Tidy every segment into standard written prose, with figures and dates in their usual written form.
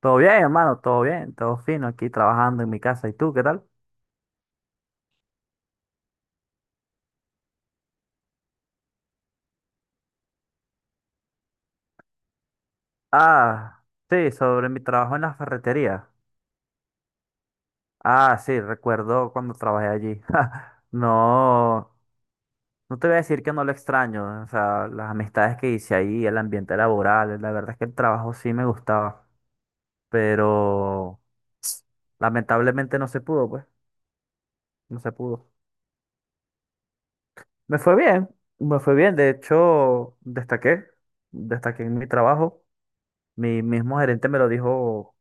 Todo bien, hermano, todo bien, todo fino aquí trabajando en mi casa. ¿Y tú qué tal? Ah, sí, sobre mi trabajo en la ferretería. Ah, sí, recuerdo cuando trabajé allí. No, no te voy a decir que no lo extraño. O sea, las amistades que hice ahí, el ambiente laboral, la verdad es que el trabajo sí me gustaba, pero lamentablemente no se pudo, pues, no se pudo. Me fue bien, me fue bien. De hecho, destaqué, destaqué en mi trabajo. Mi mismo gerente me lo dijo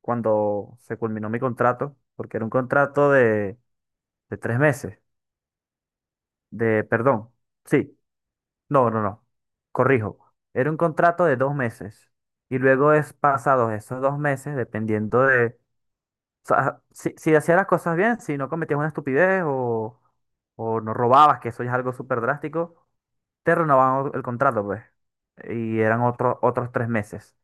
cuando se culminó mi contrato, porque era un contrato de tres meses, de, perdón, sí, no, corrijo, era un contrato de dos meses. Y luego es pasados esos dos meses, o sea, si hacías las cosas bien, si no cometías una estupidez o no robabas, que eso ya es algo súper drástico, te renovaban el contrato, pues. Y eran otros tres meses.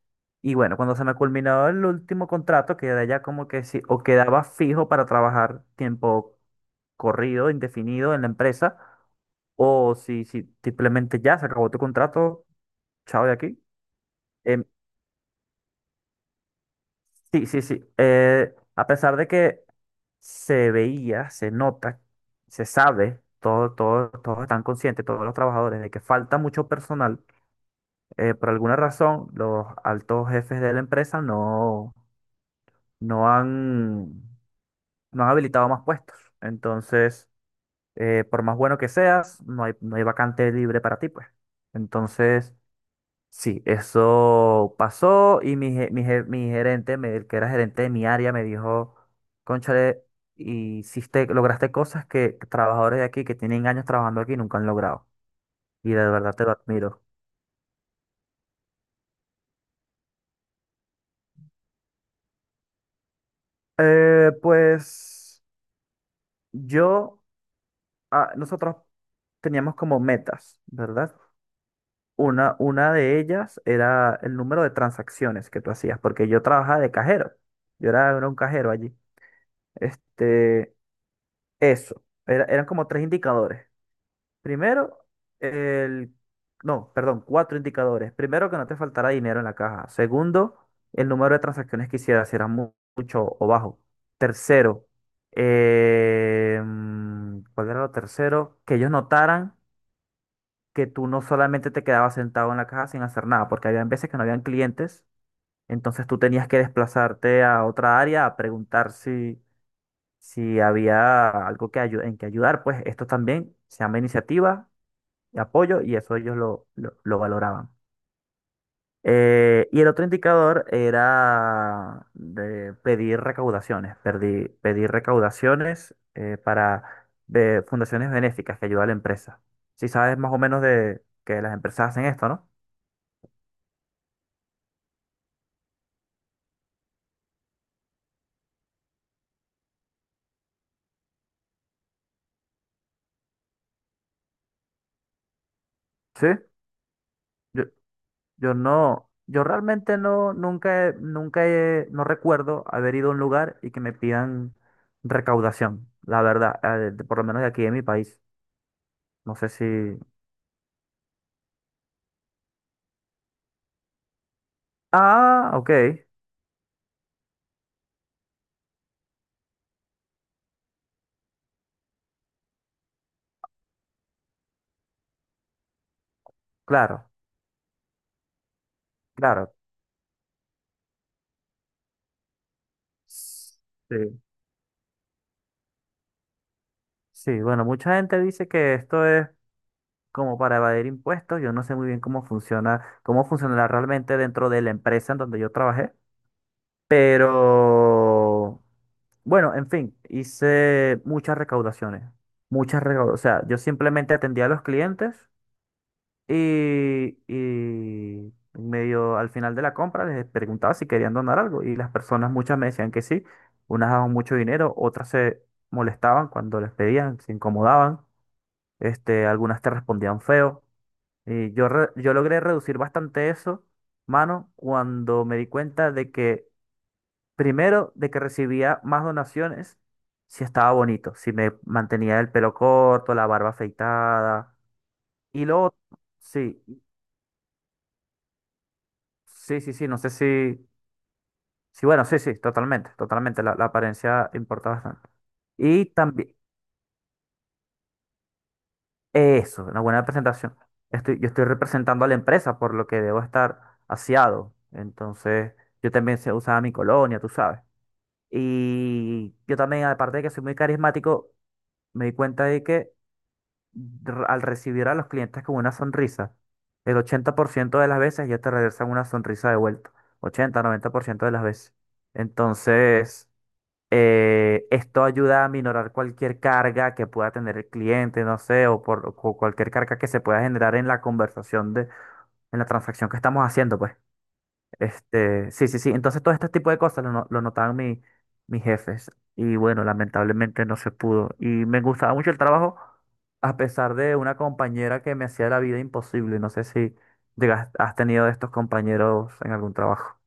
Y bueno, cuando se me culminó el último contrato, quedé ya como que sí, o quedaba fijo para trabajar tiempo corrido, indefinido en la empresa, o si simplemente ya se acabó tu contrato, chao de aquí. Em, sí, sí, sí. A pesar de que se veía, se nota, se sabe, todos están conscientes, todos los trabajadores, de que falta mucho personal. Por alguna razón, los altos jefes de la empresa no, no han, no han habilitado más puestos. Entonces, por más bueno que seas, no hay vacante libre para ti, pues. Entonces, sí, eso pasó y mi gerente, el que era gerente de mi área, me dijo, Cónchale, hiciste, lograste cosas que trabajadores de aquí que tienen años trabajando aquí nunca han logrado. Y de verdad te lo admiro. Pues yo... ah, nosotros teníamos como metas, ¿verdad? Una de ellas era el número de transacciones que tú hacías, porque yo trabajaba de cajero. Yo era, era un cajero allí. Este, eso. Eran como tres indicadores. Primero, el... No, perdón, cuatro indicadores. Primero, que no te faltara dinero en la caja. Segundo, el número de transacciones que hicieras, si era mucho o bajo. Tercero, ¿cuál era lo tercero? Que ellos notaran que tú no solamente te quedabas sentado en la caja sin hacer nada, porque habían veces que no habían clientes, entonces tú tenías que desplazarte a otra área a preguntar si, si había algo en que ayudar, pues esto también se llama iniciativa y apoyo y eso ellos lo valoraban. Y el otro indicador era de pedir recaudaciones, pedir recaudaciones para fundaciones benéficas que ayudan a la empresa. Si sabes más o menos de que las empresas hacen esto, ¿no? Sí, yo, yo realmente no, nunca, no recuerdo haber ido a un lugar y que me pidan recaudación, la verdad, por lo menos de aquí en mi país. No sé si... Ah, ok, claro, claro. S- Sí. Sí, bueno, mucha gente dice que esto es como para evadir impuestos. Yo no sé muy bien cómo funciona, cómo funcionará realmente dentro de la empresa en donde yo trabajé. Pero bueno, en fin, hice muchas recaudaciones. Muchas recaudaciones. O sea, yo simplemente atendía a los clientes y medio al final de la compra les preguntaba si querían donar algo. Y las personas, muchas me decían que sí. Unas daban mucho dinero, otras se molestaban cuando les pedían, se incomodaban. Algunas te respondían feo. Y yo, yo logré reducir bastante eso, mano, cuando me di cuenta de que primero, de que recibía más donaciones si estaba bonito, si me mantenía el pelo corto, la barba afeitada. Y lo otro, sí, sí, sí, sí, no sé si, sí, bueno, sí, sí, totalmente, totalmente, la apariencia importa bastante. Y también, eso, una buena presentación. Yo estoy representando a la empresa, por lo que debo estar aseado. Entonces, yo también se usaba mi colonia, tú sabes. Y yo también, aparte de que soy muy carismático, me di cuenta de que al recibir a los clientes con una sonrisa, el 80% de las veces ya te regresan una sonrisa de vuelta. 80 90% de las veces. Entonces, esto ayuda a minorar cualquier carga que pueda tener el cliente, no sé, o por o cualquier carga que se pueda generar en la conversación de, en la transacción que estamos haciendo, pues. Sí, sí, sí. Entonces todo este tipo de cosas lo, lo notaban mis jefes. Y bueno, lamentablemente no se pudo. Y me gustaba mucho el trabajo, a pesar de una compañera que me hacía la vida imposible. No sé si llegas, has tenido estos compañeros en algún trabajo.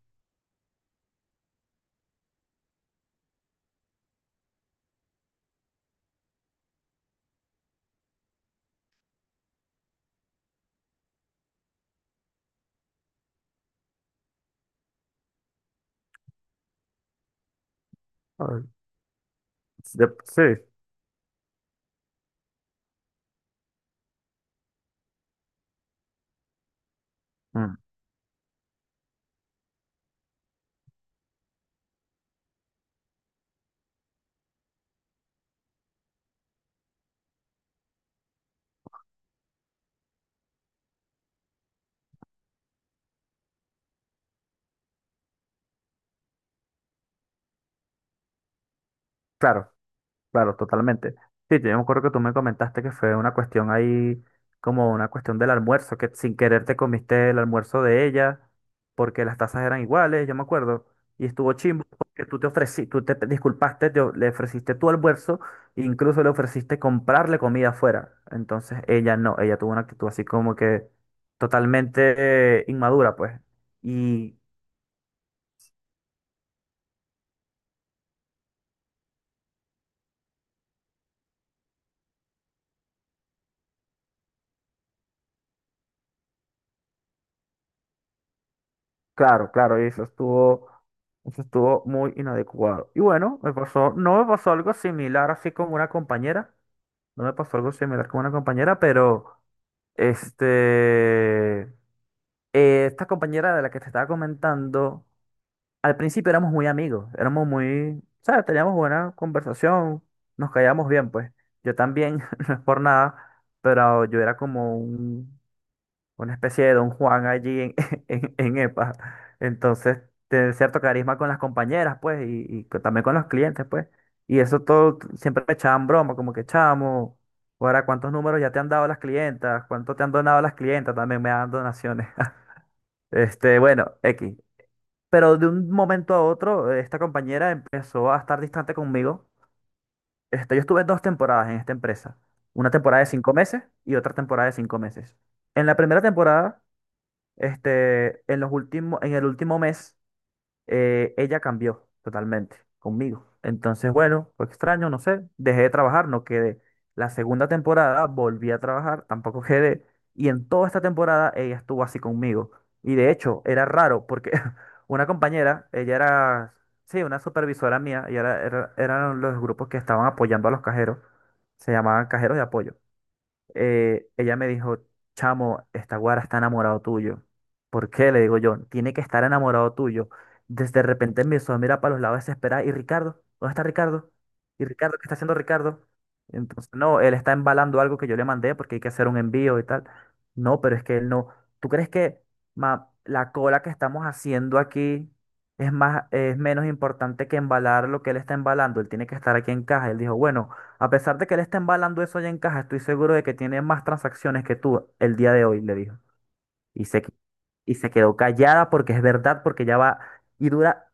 Ay, sí, mm, claro. Claro, totalmente. Sí, yo me acuerdo que tú me comentaste que fue una cuestión ahí, como una cuestión del almuerzo, que sin querer te comiste el almuerzo de ella, porque las tazas eran iguales, yo me acuerdo. Y estuvo chimbo porque tú te ofreciste, tú te disculpaste, le ofreciste tu almuerzo, e incluso le ofreciste comprarle comida afuera. Entonces ella no, ella tuvo una actitud así como que totalmente inmadura, pues. Claro, claro, y eso estuvo muy inadecuado. Y bueno, me pasó, no me pasó algo similar así con una compañera, no me pasó algo similar con una compañera, pero este, esta compañera de la que te estaba comentando, al principio éramos muy amigos, éramos muy, ¿sabes? Teníamos buena conversación, nos caíamos bien, pues. Yo también, no es por nada, pero yo era como un una especie de Don Juan allí en, en EPA. Entonces, tener cierto carisma con las compañeras, pues, y, también con los clientes, pues. Y eso siempre me echaban broma, como que chamo, ahora cuántos números ya te han dado las clientas, cuánto te han donado las clientas, también me dan donaciones. Bueno, X. Pero de un momento a otro, esta compañera empezó a estar distante conmigo. Yo estuve dos temporadas en esta empresa. Una temporada de 5 meses y otra temporada de 5 meses. En la primera temporada, en los últimos, en el último mes, ella cambió totalmente conmigo. Entonces, bueno, fue extraño, no sé. Dejé de trabajar, no quedé. La segunda temporada volví a trabajar, tampoco quedé. Y en toda esta temporada ella estuvo así conmigo. Y de hecho, era raro porque una compañera, ella era, sí, una supervisora mía, y era, eran los grupos que estaban apoyando a los cajeros. Se llamaban cajeros de apoyo. Ella me dijo, chamo, esta guara está enamorado tuyo. ¿Por qué? Le digo yo, tiene que estar enamorado tuyo. Desde de repente empezó a mirar para los lados desesperada. ¿Y Ricardo? ¿Dónde está Ricardo? ¿Y Ricardo? ¿Qué está haciendo Ricardo? Entonces, no, él está embalando algo que yo le mandé porque hay que hacer un envío y tal. No, pero es que él no. ¿Tú crees que ma, la cola que estamos haciendo aquí es más, es menos importante que embalar lo que él está embalando? Él tiene que estar aquí en caja. Él dijo, bueno. A pesar de que él está embalando eso allá en caja, estoy seguro de que tiene más transacciones que tú el día de hoy, le dijo. Y se, qui- y se quedó callada porque es verdad, porque ya va y dura.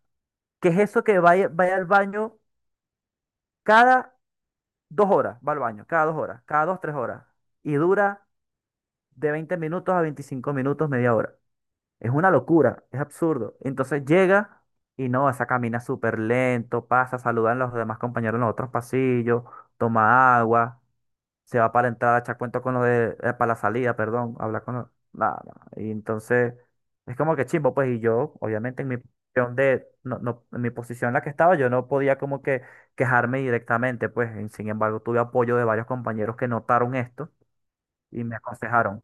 ¿Qué es eso que vaya, vaya al baño cada 2 horas? Va al baño, cada dos horas, cada 2, 3 horas. Y dura de 20 minutos a 25 minutos, media hora. Es una locura, es absurdo. Entonces llega y no, esa camina súper lento, pasa, saludan a los demás compañeros en los otros pasillos, toma agua. Se va para la entrada, echa cuento con los de, para la salida, perdón, habla con los, nada, nada. Y entonces, es como que chimbo, pues, y yo, obviamente, en mi posición en la que estaba, yo no podía como que quejarme directamente, pues, y sin embargo, tuve apoyo de varios compañeros que notaron esto y me aconsejaron.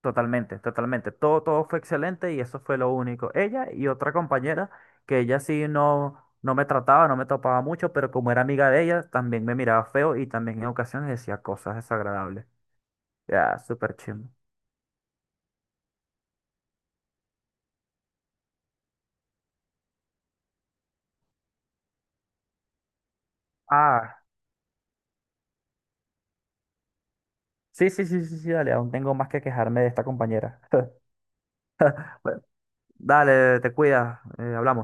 Totalmente, totalmente. Todo, todo fue excelente y eso fue lo único. Ella y otra compañera, que ella sí no, no me trataba, no me topaba mucho, pero como era amiga de ella, también me miraba feo y también en ocasiones decía cosas desagradables. Ya, súper chimbo. Ah, sí, sí, sí, sí, sí, dale, aún tengo más que quejarme de esta compañera. Bueno, dale, te cuidas, hablamos.